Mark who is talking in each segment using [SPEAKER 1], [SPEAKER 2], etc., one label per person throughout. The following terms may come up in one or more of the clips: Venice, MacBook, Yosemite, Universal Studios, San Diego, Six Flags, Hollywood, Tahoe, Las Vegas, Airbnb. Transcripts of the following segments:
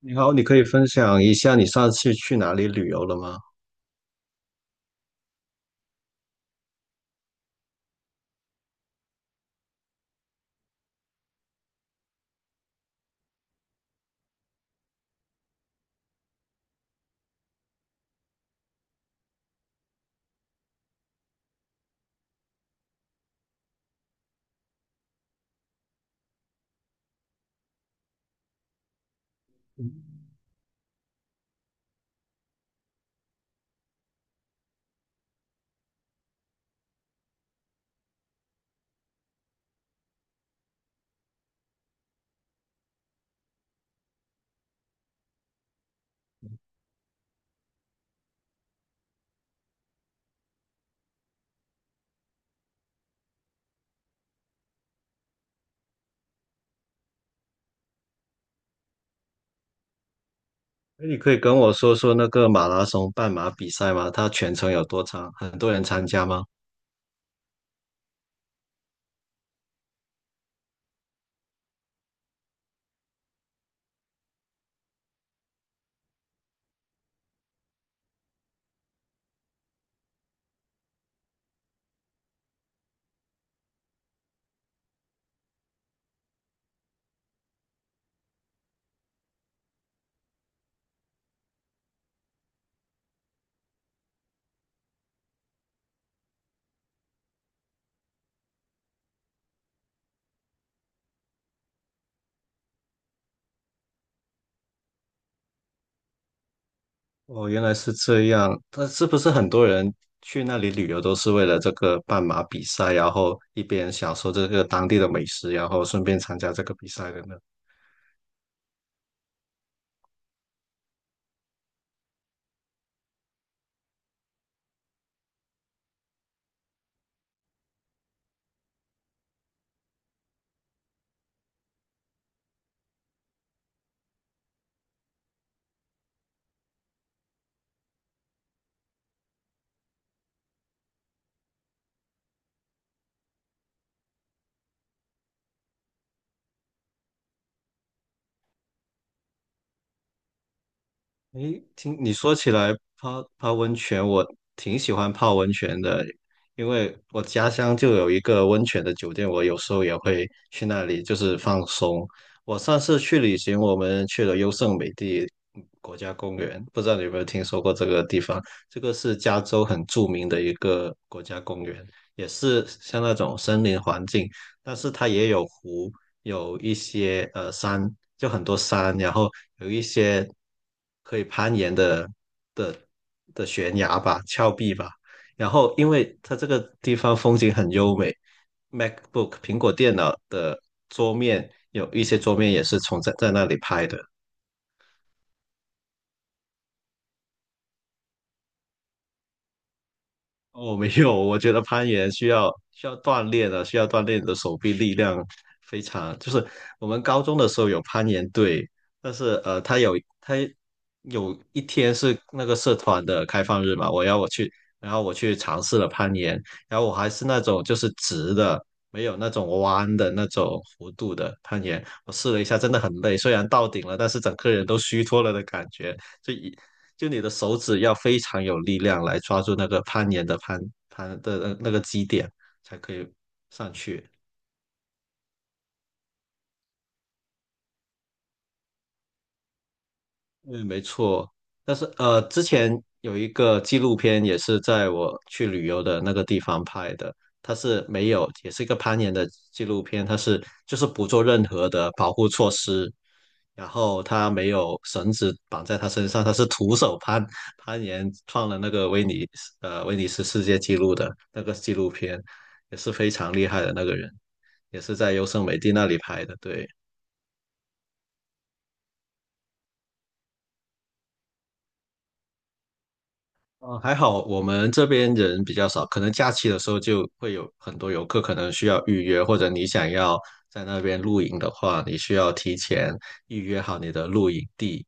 [SPEAKER 1] 你好，你可以分享一下你上次去哪里旅游了吗？嗯。诶你可以跟我说说那个马拉松半马比赛吗？它全程有多长？很多人参加吗？哦，原来是这样。那是不是很多人去那里旅游都是为了这个半马比赛，然后一边享受这个当地的美食，然后顺便参加这个比赛的呢？诶，听你说起来泡泡温泉，我挺喜欢泡温泉的，因为我家乡就有一个温泉的酒店，我有时候也会去那里，就是放松。我上次去旅行，我们去了优胜美地国家公园，不知道你有没有听说过这个地方？这个是加州很著名的一个国家公园，也是像那种森林环境，但是它也有湖，有一些山，就很多山，然后有一些可以攀岩的的悬崖吧、峭壁吧。然后因为它这个地方风景很优美，MacBook 苹果电脑的桌面有一些桌面也是从在那里拍的。哦，没有，我觉得攀岩需要锻炼的，需要锻炼你的手臂力量非常。就是我们高中的时候有攀岩队，但是他有一天是那个社团的开放日嘛，我去，然后我去尝试了攀岩，然后我还是那种就是直的，没有那种弯的那种弧度的攀岩，我试了一下，真的很累，虽然到顶了，但是整个人都虚脱了的感觉，就一就你的手指要非常有力量来抓住那个攀岩的攀的那个基点，才可以上去。嗯，没错。但是之前有一个纪录片也是在我去旅游的那个地方拍的，它是没有，也是一个攀岩的纪录片，它是就是不做任何的保护措施，然后他没有绳子绑在他身上，他是徒手攀岩，创了那个威尼斯世界纪录的那个纪录片，也是非常厉害的那个人，也是在优胜美地那里拍的，对。嗯，还好我们这边人比较少，可能假期的时候就会有很多游客可能需要预约，或者你想要在那边露营的话，你需要提前预约好你的露营地，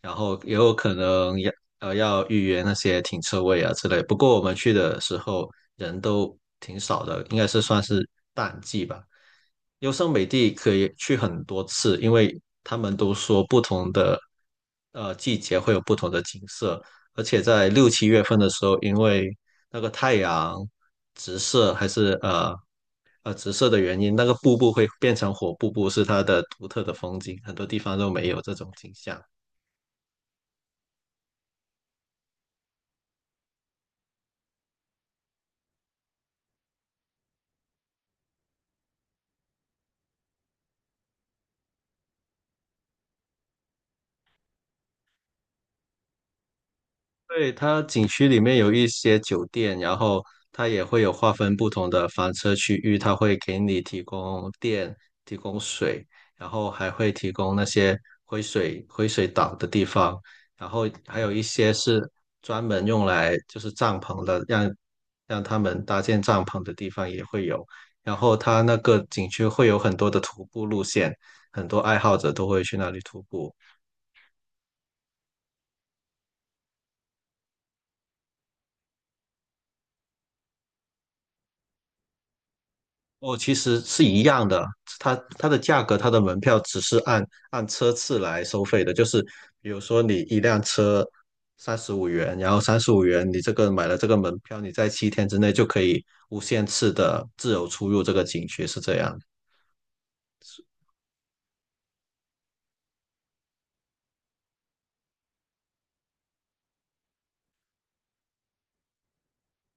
[SPEAKER 1] 然后也有可能要要预约那些停车位啊之类。不过我们去的时候人都挺少的，应该是算是淡季吧。优胜美地可以去很多次，因为他们都说不同的季节会有不同的景色，而且在六七月份的时候，因为那个太阳直射还是直射的原因，那个瀑布会变成火瀑布，是它的独特的风景，很多地方都没有这种景象。对，它景区里面有一些酒店，然后它也会有划分不同的房车区域，它会给你提供电、提供水，然后还会提供那些回水岛的地方，然后还有一些是专门用来就是帐篷的，让他们搭建帐篷的地方也会有。然后它那个景区会有很多的徒步路线，很多爱好者都会去那里徒步。哦，其实是一样的，它的价格，它的门票只是按车次来收费的，就是比如说你一辆车三十五元，然后三十五元你这个买了这个门票，你在七天之内就可以无限次的自由出入这个景区，是这样。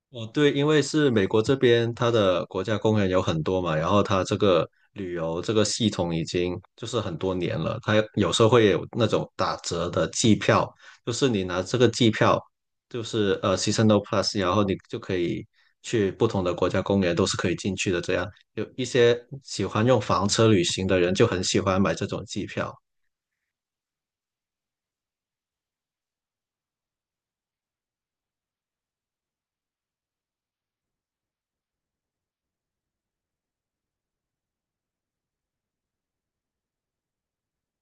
[SPEAKER 1] 哦，对，因为是美国这边，它的国家公园有很多嘛，然后它这个旅游这个系统已经就是很多年了，它有时候会有那种打折的季票，就是你拿这个季票，就是seasonal plus，然后你就可以去不同的国家公园都是可以进去的。这样有一些喜欢用房车旅行的人就很喜欢买这种季票，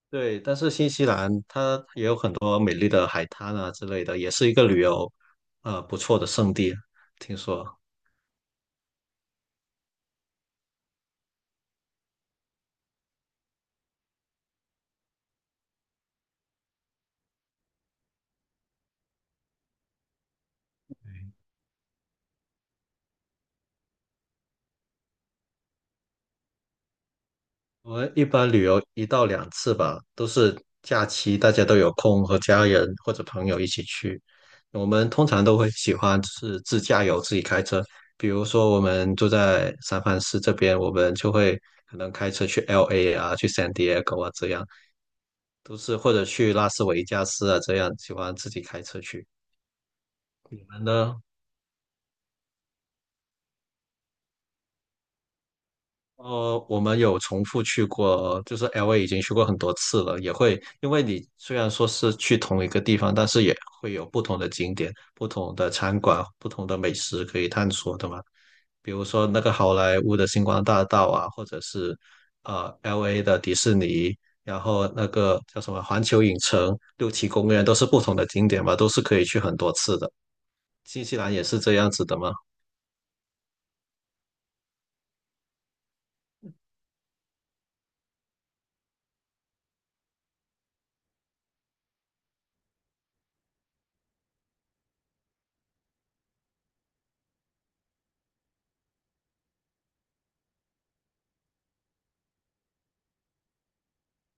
[SPEAKER 1] 对，但是新西兰它也有很多美丽的海滩啊之类的，也是一个旅游不错的胜地。听说我们一般旅游一到两次吧，都是假期大家都有空和家人或者朋友一起去。我们通常都会喜欢是自驾游，自己开车。比如说我们住在三藩市这边，我们就会可能开车去 LA 啊，去 San Diego 啊这样，都是或者去拉斯维加斯啊这样，喜欢自己开车去。你们呢？呃，我们有重复去过，就是 LA 已经去过很多次了，也会因为你虽然说是去同一个地方，但是也会有不同的景点、不同的餐馆、不同的美食可以探索的嘛。比如说那个好莱坞的星光大道啊，或者是LA 的迪士尼，然后那个叫什么环球影城、六旗公园，都是不同的景点嘛，都是可以去很多次的。新西兰也是这样子的吗？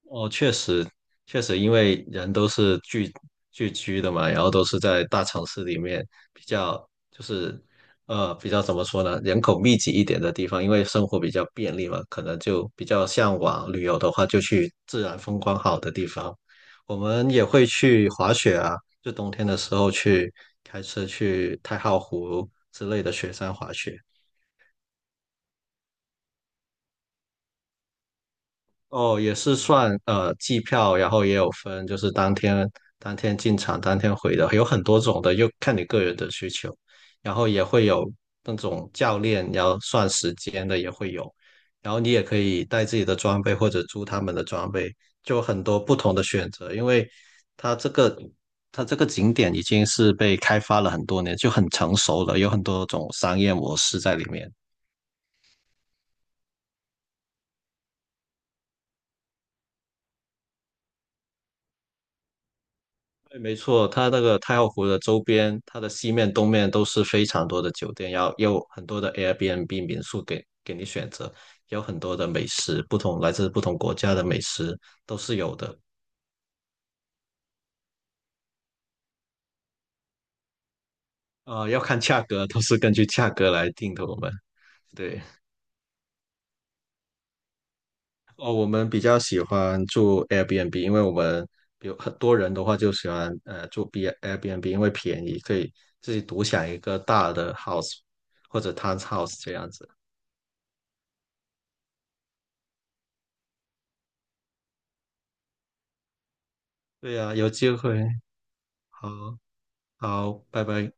[SPEAKER 1] 哦，确实，确实，因为人都是聚居的嘛，然后都是在大城市里面比较，就是比较怎么说呢，人口密集一点的地方，因为生活比较便利嘛，可能就比较向往旅游的话，就去自然风光好的地方。我们也会去滑雪啊，就冬天的时候去开车去太浩湖之类的雪山滑雪。哦，也是算季票，然后也有分，就是当天进场、当天回的，有很多种的，又看你个人的需求。然后也会有那种教练要算时间的也会有，然后你也可以带自己的装备或者租他们的装备，就很多不同的选择。因为它这个它这个景点已经是被开发了很多年，就很成熟了，有很多种商业模式在里面。对，没错，它那个太浩湖的周边，它的西面、东面都是非常多的酒店，然后也有很多的 Airbnb 民宿给你选择，也有很多的美食，不同来自不同国家的美食都是有的。呃，要看价格，都是根据价格来定的。我们对哦，我们比较喜欢住 Airbnb，因为我们有很多人的话就喜欢住 Airbnb，因为便宜，可以自己独享一个大的 house 或者 townhouse 这样子。对呀、有机会。好，好，拜拜。